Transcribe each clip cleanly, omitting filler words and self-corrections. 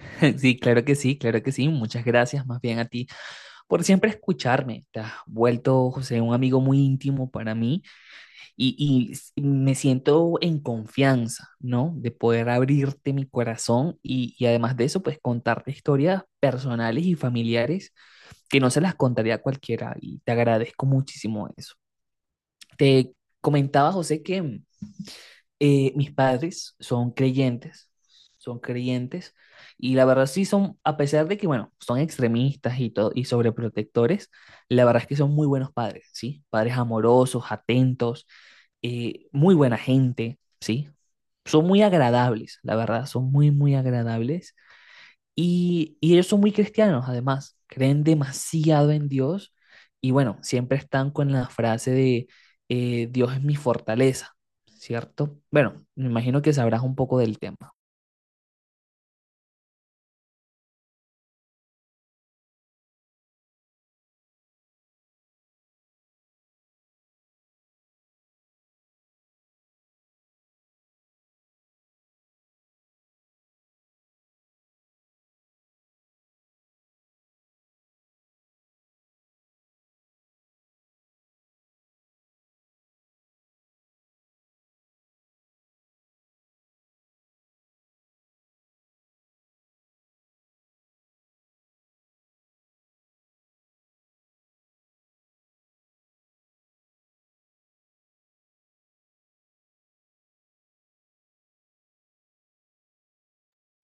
Sí, claro que sí, claro que sí. Muchas gracias más bien a ti por siempre escucharme. Te has vuelto, José, un amigo muy íntimo para mí me siento en confianza, ¿no? De poder abrirte mi corazón y además de eso, pues contarte historias personales y familiares que no se las contaría a cualquiera y te agradezco muchísimo eso. Te comentaba, José, que mis padres son creyentes, son creyentes, y la verdad sí son, a pesar de que, bueno, son extremistas y todo, y sobreprotectores, la verdad es que son muy buenos padres, ¿sí? Padres amorosos, atentos, muy buena gente, ¿sí? Son muy agradables, la verdad, son muy, muy agradables. Y ellos son muy cristianos, además, creen demasiado en Dios y bueno, siempre están con la frase de Dios es mi fortaleza, ¿cierto? Bueno, me imagino que sabrás un poco del tema.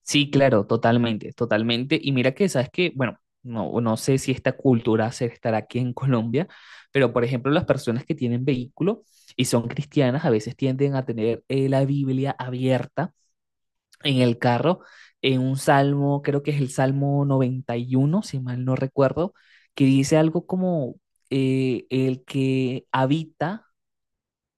Sí, claro, totalmente, totalmente. Y mira que, sabes que, bueno, no sé si esta cultura se estará aquí en Colombia, pero por ejemplo, las personas que tienen vehículo y son cristianas a veces tienden a tener la Biblia abierta en el carro, en un salmo, creo que es el Salmo 91 si mal no recuerdo, que dice algo como eh, el que habita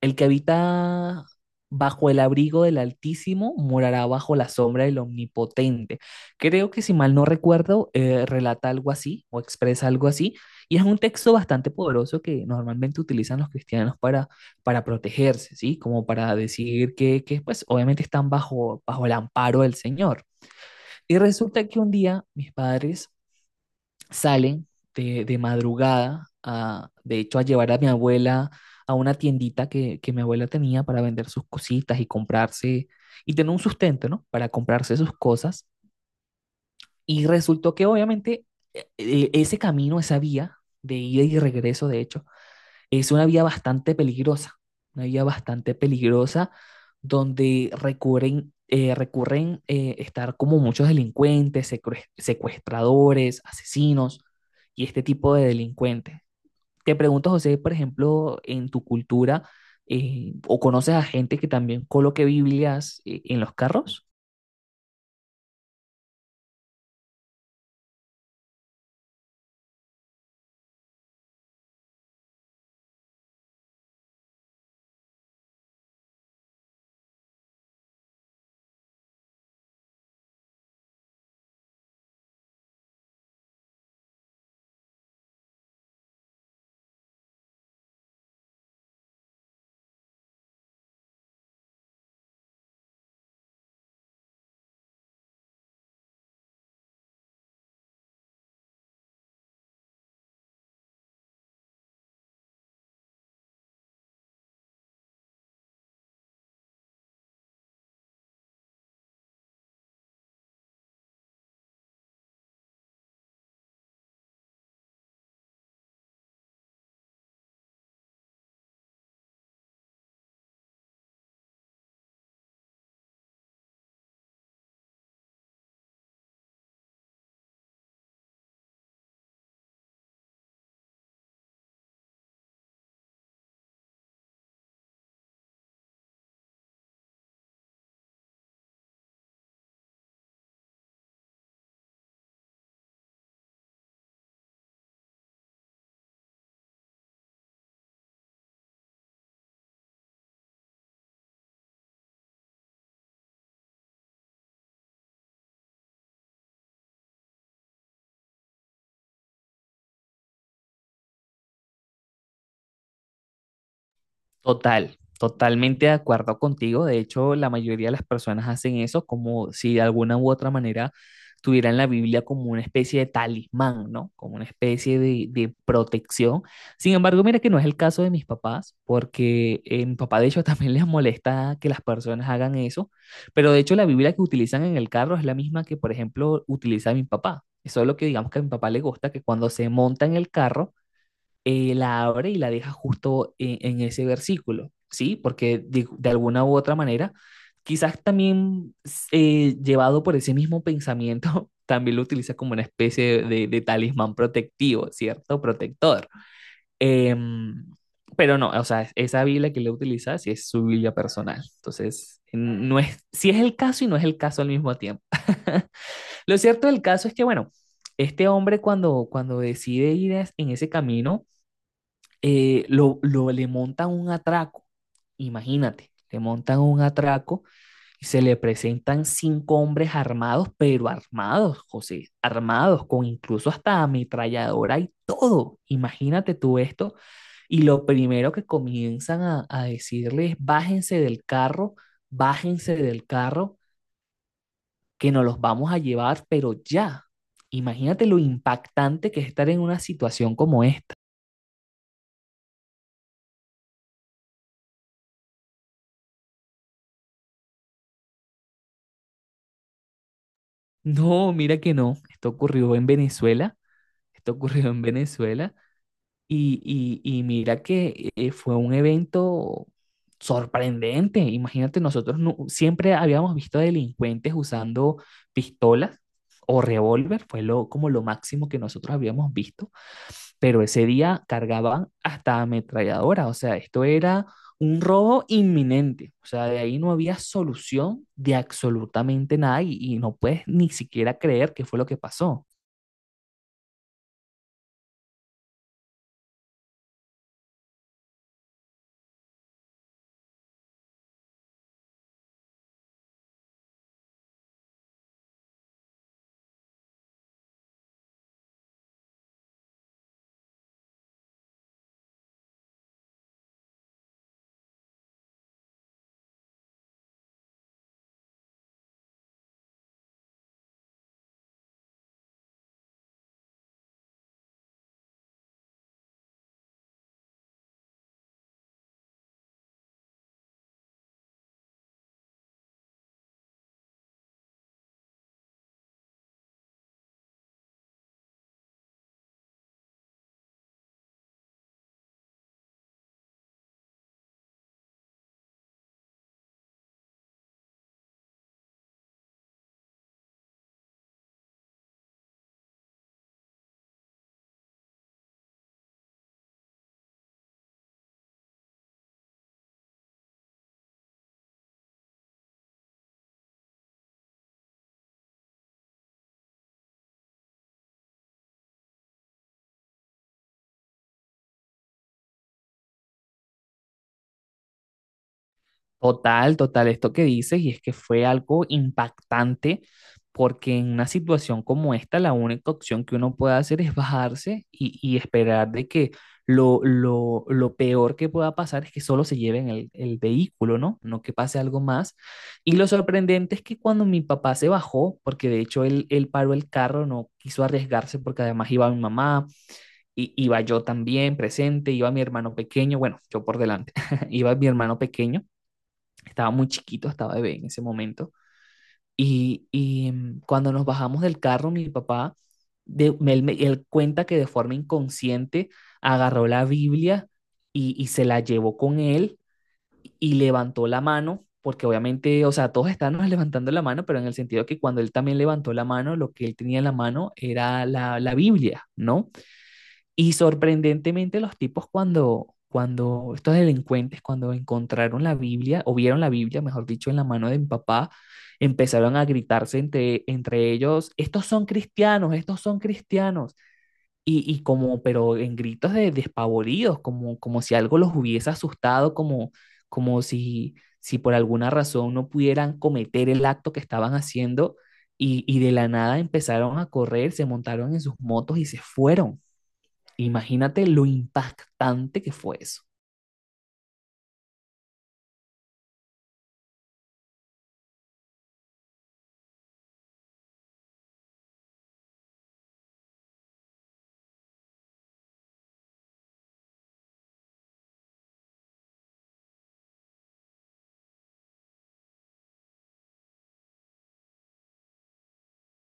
el que habita bajo el abrigo del Altísimo morará bajo la sombra del Omnipotente. Creo que si mal no recuerdo, relata algo así o expresa algo así. Y es un texto bastante poderoso que normalmente utilizan los cristianos para protegerse, ¿sí? Como para decir que pues obviamente están bajo el amparo del Señor. Y resulta que un día mis padres salen de madrugada, a, de hecho, a llevar a mi abuela a una tiendita que mi abuela tenía para vender sus cositas y comprarse, y tener un sustento, ¿no? Para comprarse sus cosas. Y resultó que obviamente ese camino, esa vía de ida y regreso, de hecho, es una vía bastante peligrosa, una vía bastante peligrosa donde recurren, recurren estar como muchos delincuentes, secuestradores, asesinos y este tipo de delincuentes. Te pregunto, José, por ejemplo, en tu cultura, ¿o conoces a gente que también coloque Biblias en los carros? Total, totalmente de acuerdo contigo. De hecho, la mayoría de las personas hacen eso como si de alguna u otra manera tuvieran la Biblia como una especie de talismán, ¿no? Como una especie de protección. Sin embargo, mira que no es el caso de mis papás, porque mi papá de hecho también les molesta que las personas hagan eso, pero de hecho la Biblia que utilizan en el carro es la misma que, por ejemplo, utiliza mi papá. Eso es lo que digamos que a mi papá le gusta, que cuando se monta en el carro, la abre y la deja justo en ese versículo, ¿sí? Porque de alguna u otra manera, quizás también llevado por ese mismo pensamiento, también lo utiliza como una especie de talismán protectivo, ¿cierto? Protector. Eh, pero no, o sea, esa Biblia que le utiliza sí es su Biblia personal. Entonces, no es, sí es el caso y no es el caso al mismo tiempo. Lo cierto del caso es que, bueno, este hombre cuando decide ir en ese camino, le montan un atraco, imagínate, le montan un atraco y se le presentan cinco hombres armados, pero armados, José, armados, con incluso hasta ametralladora y todo. Imagínate tú esto. Y lo primero que comienzan a decirles, bájense del carro, bájense del carro, que nos los vamos a llevar, pero ya. Imagínate lo impactante que es estar en una situación como esta. No, mira que no. Esto ocurrió en Venezuela. Esto ocurrió en Venezuela. Y mira que fue un evento sorprendente. Imagínate, nosotros siempre habíamos visto delincuentes usando pistolas o revólver. Fue lo, como lo máximo que nosotros habíamos visto, pero ese día cargaban hasta ametralladora, o sea, esto era un robo inminente, o sea, de ahí no había solución de absolutamente nada y no puedes ni siquiera creer qué fue lo que pasó. Total, total, esto que dices, y es que fue algo impactante, porque en una situación como esta, la única opción que uno puede hacer es bajarse y esperar de que lo peor que pueda pasar es que solo se lleven el vehículo, ¿no? No que pase algo más. Y lo sorprendente es que cuando mi papá se bajó, porque de hecho él paró el carro, no quiso arriesgarse porque además iba mi mamá, iba yo también presente, iba mi hermano pequeño, bueno, yo por delante, iba mi hermano pequeño. Estaba muy chiquito, estaba bebé en ese momento. Cuando nos bajamos del carro, mi papá, él cuenta que de forma inconsciente agarró la Biblia y se la llevó con él y levantó la mano, porque obviamente, o sea, todos estábamos levantando la mano, pero en el sentido que cuando él también levantó la mano, lo que él tenía en la mano era la Biblia, ¿no? Y sorprendentemente los tipos cuando estos delincuentes, cuando encontraron la Biblia, o vieron la Biblia, mejor dicho, en la mano de mi papá, empezaron a gritarse entre ellos, estos son cristianos, Y, y como, pero en gritos de despavoridos, como, como si algo los hubiese asustado, como, como si, si por alguna razón no pudieran cometer el acto que estaban haciendo. Y de la nada empezaron a correr, se montaron en sus motos y se fueron. Imagínate lo impactante que fue eso.